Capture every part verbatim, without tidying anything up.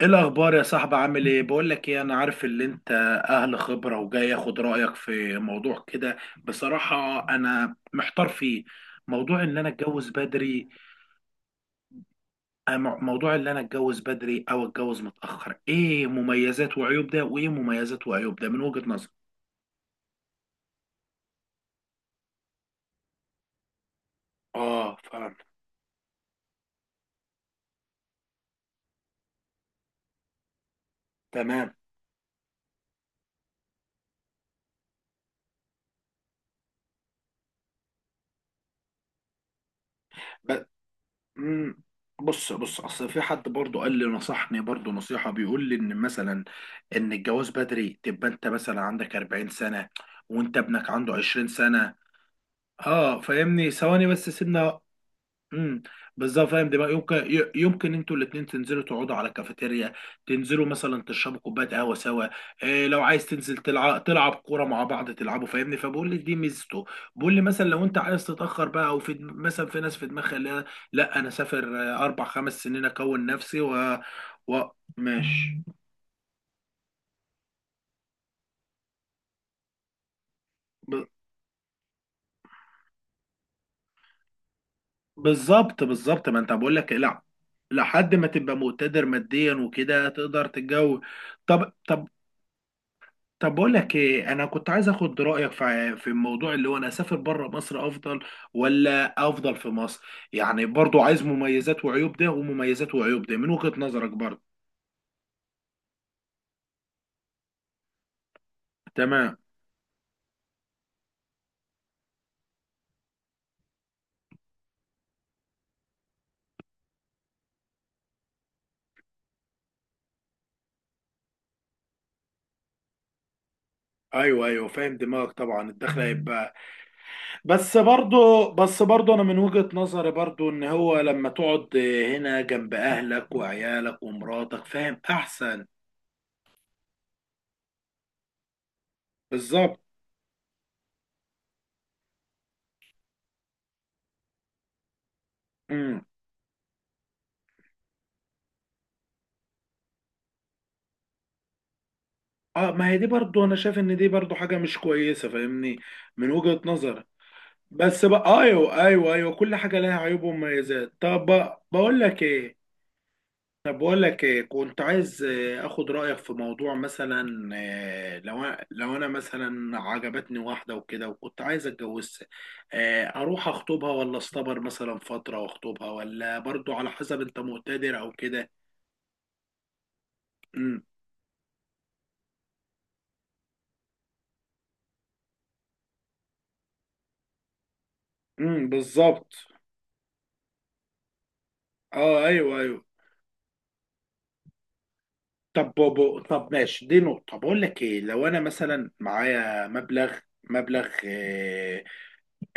ايه الاخبار يا صاحبي؟ عامل ايه؟ بقول لك ايه، انا عارف ان انت اهل خبره وجاي اخد رايك في موضوع كده. بصراحه انا محتار فيه. موضوع ان انا اتجوز بدري. أم- موضوع ان انا اتجوز بدري او اتجوز متاخر، ايه مميزات وعيوب ده وايه مميزات وعيوب ده من وجهه نظر؟ اه فاهم، تمام. مم. بص بص اصل في حد برضو قال لي، نصحني برضو نصيحة بيقول لي ان مثلا ان الجواز بدري تبقى انت مثلا عندك أربعين سنة وانت ابنك عنده عشرين سنة. اه فاهمني، ثواني بس سيبنا. امم بالظبط، فاهم دماغ، يمكن ي- يمكن انتوا الاثنين تنزلوا تقعدوا على كافيتيريا، تنزلوا مثلا تشربوا كوبايه قهوه سوا، إيه لو عايز تنزل تلعب، تلعب كوره مع بعض تلعبوا فاهمني، فبقول لي دي ميزته. بقول لي مثلا لو انت عايز تتاخر بقى، او في دم- مثلا في ناس في دماغها اللي هي لا انا اسافر، آه، اربع خمس سنين اكون نفسي و, و... ماشي. ب... بالظبط بالظبط، ما انت بقول لك لا، لحد ما تبقى مقتدر ماديا وكده تقدر تتجوز. طب طب، طب بقول لك ايه، انا كنت عايز اخد رايك في في الموضوع اللي هو انا اسافر بره مصر افضل ولا افضل في مصر؟ يعني برضو عايز مميزات وعيوب ده ومميزات وعيوب ده من وجهة نظرك برضو. تمام. ايوه ايوه فاهم دماغك، طبعا الدخل هيبقى. بس برضو، بس برضو انا من وجهة نظري برضو ان هو لما تقعد هنا جنب اهلك وعيالك ومراتك فاهم احسن. بالظبط. امم. اه، ما هي دي برضو انا شايف ان دي برضو حاجة مش كويسة فاهمني، من وجهة نظري. بس بقى، ايوه ايوه ايوه، كل حاجه لها عيوب ومميزات. طب بق- بقول لك ايه، طب بقول لك ايه، كنت عايز آه، اخد رايك في موضوع، مثلا آه، لو أ- لو انا مثلا عجبتني واحده وكده وكنت عايز اتجوزها. آه، اروح اخطبها ولا اصطبر مثلا فتره واخطبها؟ ولا برضو على حسب انت مقتدر او كده. امم. امم بالظبط. اه ايوه ايوه. طب بابا، طب ماشي، دي نقطه. بقول لك ايه، لو انا مثلا معايا مبلغ، مبلغ آه،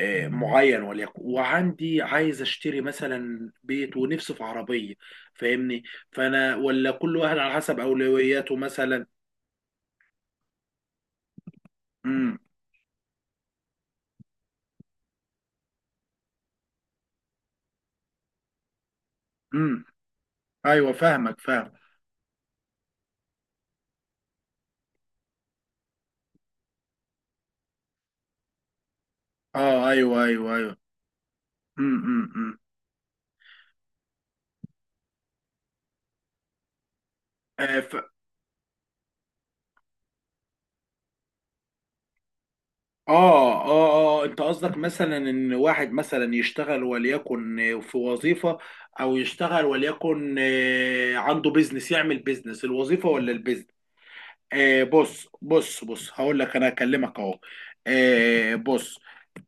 آه، معين وليكن، وعندي عايز اشتري مثلا بيت، ونفسي في عربيه، فاهمني؟ فانا ولا كل واحد على حسب اولوياته مثلا. امم. امم. ايوه فاهمك فاهم. اه ايوه ايوه ايوه. امم امم أمم. آه ف... اه اه اه، انت قصدك مثلا ان واحد مثلا يشتغل وليكن في وظيفه، او يشتغل وليكن آه، عنده بيزنس، يعمل بيزنس، الوظيفه ولا البيزنس؟ آه بص بص بص، هقول لك انا هكلمك اهو. آه بص.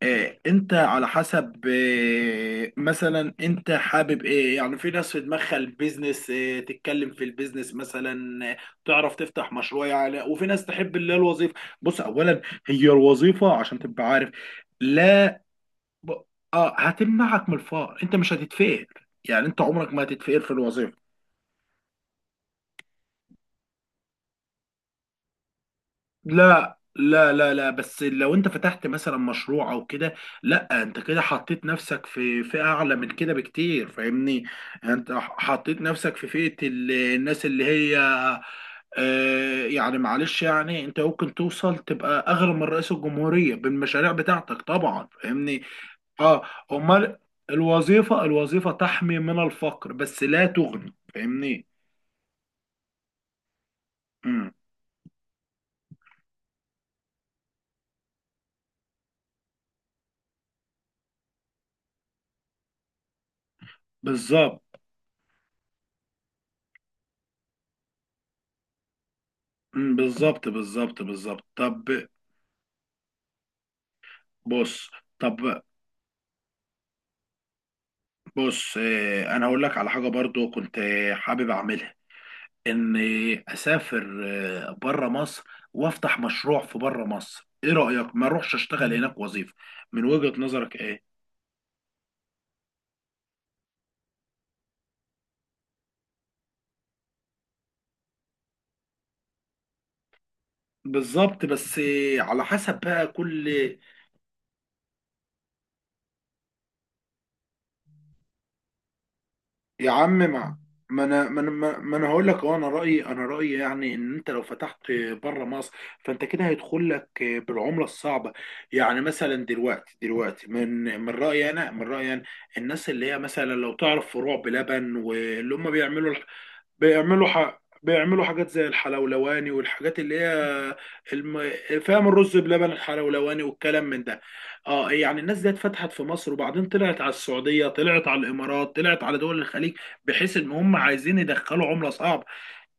آه انت على حسب، آه مثلا انت حابب ايه؟ يعني في ناس في دماغها البيزنس، آه تتكلم في البيزنس مثلا، آه، تعرف تفتح مشروع يعني. وفي ناس تحب اللي هي الوظيفه. بص، اولا هي الوظيفه عشان تبقى عارف. لا ب- اه هتمنعك من الفقر، انت مش هتتفقر، يعني انت عمرك ما هتتفقر في الوظيفه. لا لا لا لا، بس لو انت فتحت مثلا مشروع او كده، لا انت كده حطيت نفسك في فئة اعلى من كده بكتير فاهمني. انت حطيت نفسك في فئة ال- الناس اللي هي آه، يعني معلش، يعني انت ممكن توصل تبقى اغلى من رئيس الجمهورية بالمشاريع بتاعتك طبعا فاهمني. اه، امال. الوظيفة الوظيفة تحمي من الفقر بس لا تغني فاهمني. امم بالظبط. امم بالظبط بالظبط بالظبط. طب بص، طب بص، آه، انا هقول لك على حاجه برضو كنت آه، حابب اعملها، ان آه، اسافر آه، بره مصر، وافتح مشروع في بره مصر. ايه رايك؟ ما اروحش اشتغل هناك وظيفه؟ من وجهه نظرك ايه؟ بالظبط، بس آه، على حسب بقى كل. يا عم ما، ما انا ما انا ما انا هقول لك، اه انا رايي، انا رايي يعني ان انت لو فتحت بره مصر فانت كده هيدخل لك بالعمله الصعبه. يعني مثلا دلوقتي دلوقتي، من من رايي انا، من رايي انا، الناس اللي هي مثلا لو تعرف فروع بلبن واللي هم بيعملوا، بيعملوا ح... بيعملوا حاجات زي الحلولواني، والحاجات اللي هي الم... فاهم، الرز بلبن الحلولواني والكلام من ده. اه، يعني الناس دي اتفتحت في مصر، وبعدين طلعت على السعودية، طلعت على الامارات، طلعت على دول الخليج، بحيث ان هم عايزين يدخلوا عملة صعبة،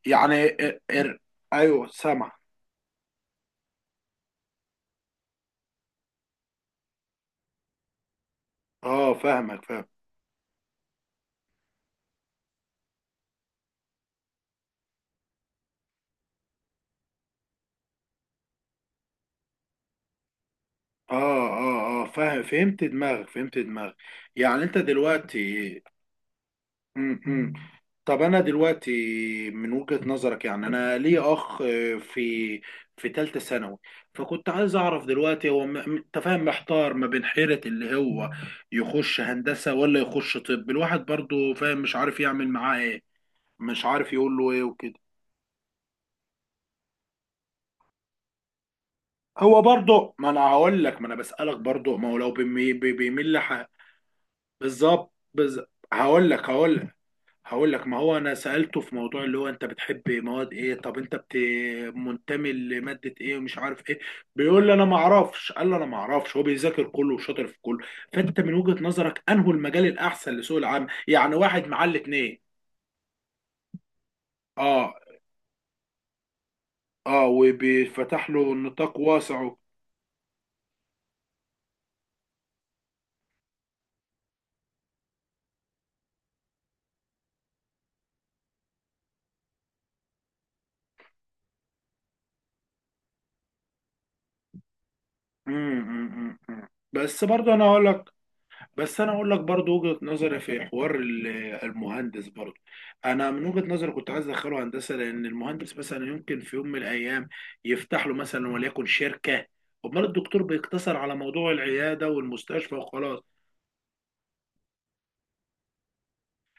يعني ار... ار... ايوه سامع. اه فاهمك فاهم. اه اه اه فاهم، فهمت دماغك، فهمت دماغك. يعني انت دلوقتي. امم. طب انا دلوقتي من وجهة نظرك، يعني انا لي اخ آه، في في ثالثه ثانوي، فكنت عايز اعرف دلوقتي هو م- م- انت فاهم، محتار ما بين حيرة اللي هو يخش هندسة ولا يخش طب؟ الواحد برضو فاهم، مش عارف يعمل معاه ايه، مش عارف يقول له ايه وكده. هو برضو، ما انا هقول لك، ما انا بسألك برضو، ما هو لو بيمي- بي- بيميل لح- بالظبط بالظبط. هقول لك، هقول لك، هقول لك ما هو انا سألته في موضوع اللي هو انت بتحب مواد ايه؟ طب انت بت منتمي لمادة ايه ومش عارف ايه. بيقول لي انا ما اعرفش، قال لي انا ما اعرفش، هو بيذاكر كله وشاطر في كله. فانت من وجهة نظرك انه المجال الاحسن لسوق العمل، يعني واحد معاه الاتنين؟ اه اه. وبيفتح له نطاق واسع و- مم، مم، مم، مم. بس برضه انا هقول لك، بس انا اقول لك برضو وجهة نظري في حوار ال- المهندس برضو، انا من وجهة نظري كنت عايز ادخله هندسة، لان المهندس مثلا يمكن في يوم من الايام يفتح له مثلا وليكن شركة، امال الدكتور بيقتصر على موضوع العيادة والمستشفى وخلاص.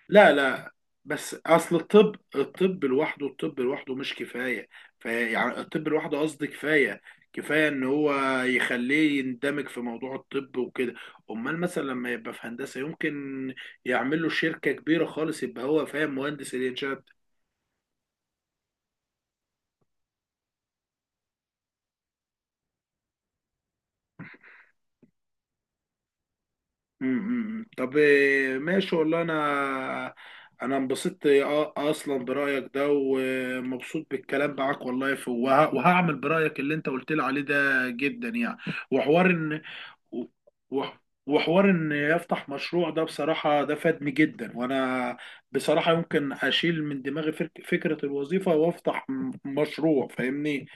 لا لا، بس اصل الطب، الطب لوحده، الطب لوحده مش كفايه، فيعني الطب لوحده قصدي كفايه، كفايه ان هو يخليه يندمج في موضوع الطب وكده، امال مثلا لما يبقى في هندسه يمكن يعمل له شركه كبيره خالص، يبقى هو فاهم مهندس الانشاء. امم. طب إيه، ماشي والله، انا انا انبسطت أ- اصلا برايك ده، ومبسوط بالكلام معاك والله، ف- وه- وهعمل برايك اللي انت قلت لي عليه ده جدا يعني. وحوار ان، و- وح- وحوار ان يفتح مشروع ده، بصراحة ده فادني جدا، وانا بصراحة يمكن اشيل من دماغي فك- فكرة الوظيفة وافتح م- مشروع فاهمني.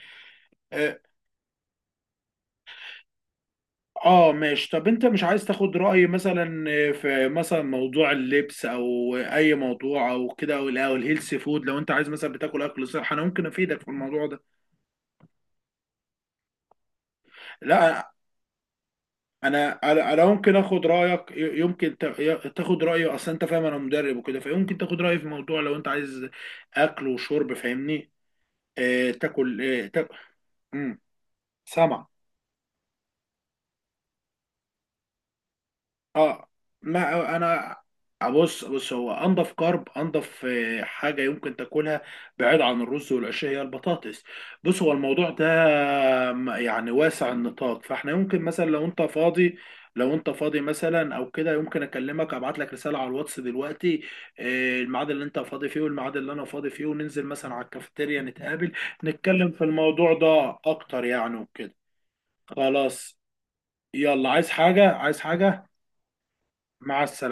اه ماشي. طب انت مش عايز تاخد رأيي مثلا في مثلا موضوع اللبس او اي موضوع او كده، او او الهيلث فود؟ لو انت عايز مثلا بتاكل اكل صح انا ممكن افيدك في الموضوع ده. لا انا انا أنا ممكن اخد رأيك، ي- يمكن تا- ي- تاخد رأيي اصلا، انت فاهم انا مدرب وكده، فيمكن تاخد رأيي في موضوع لو انت عايز اكل وشرب فاهمني. آه تاكل، آه تاكل. سامع. اه، ما انا. بص بص هو انضف كارب، انضف آه، حاجه يمكن تاكلها بعيد عن الرز والعيش هي البطاطس. بص هو الموضوع ده م- يعني واسع النطاق، فاحنا يمكن مثلا لو انت فاضي، لو انت فاضي مثلا او كده، يمكن اكلمك ابعت لك رساله على الواتس دلوقتي، آه، الميعاد اللي انت فاضي فيه والميعاد اللي انا فاضي فيه، وننزل مثلا على الكافيتيريا نتقابل، نتكلم في الموضوع ده اكتر يعني وكده. خلاص. يلا، عايز حاجه؟ عايز حاجه؟ مع السلامه.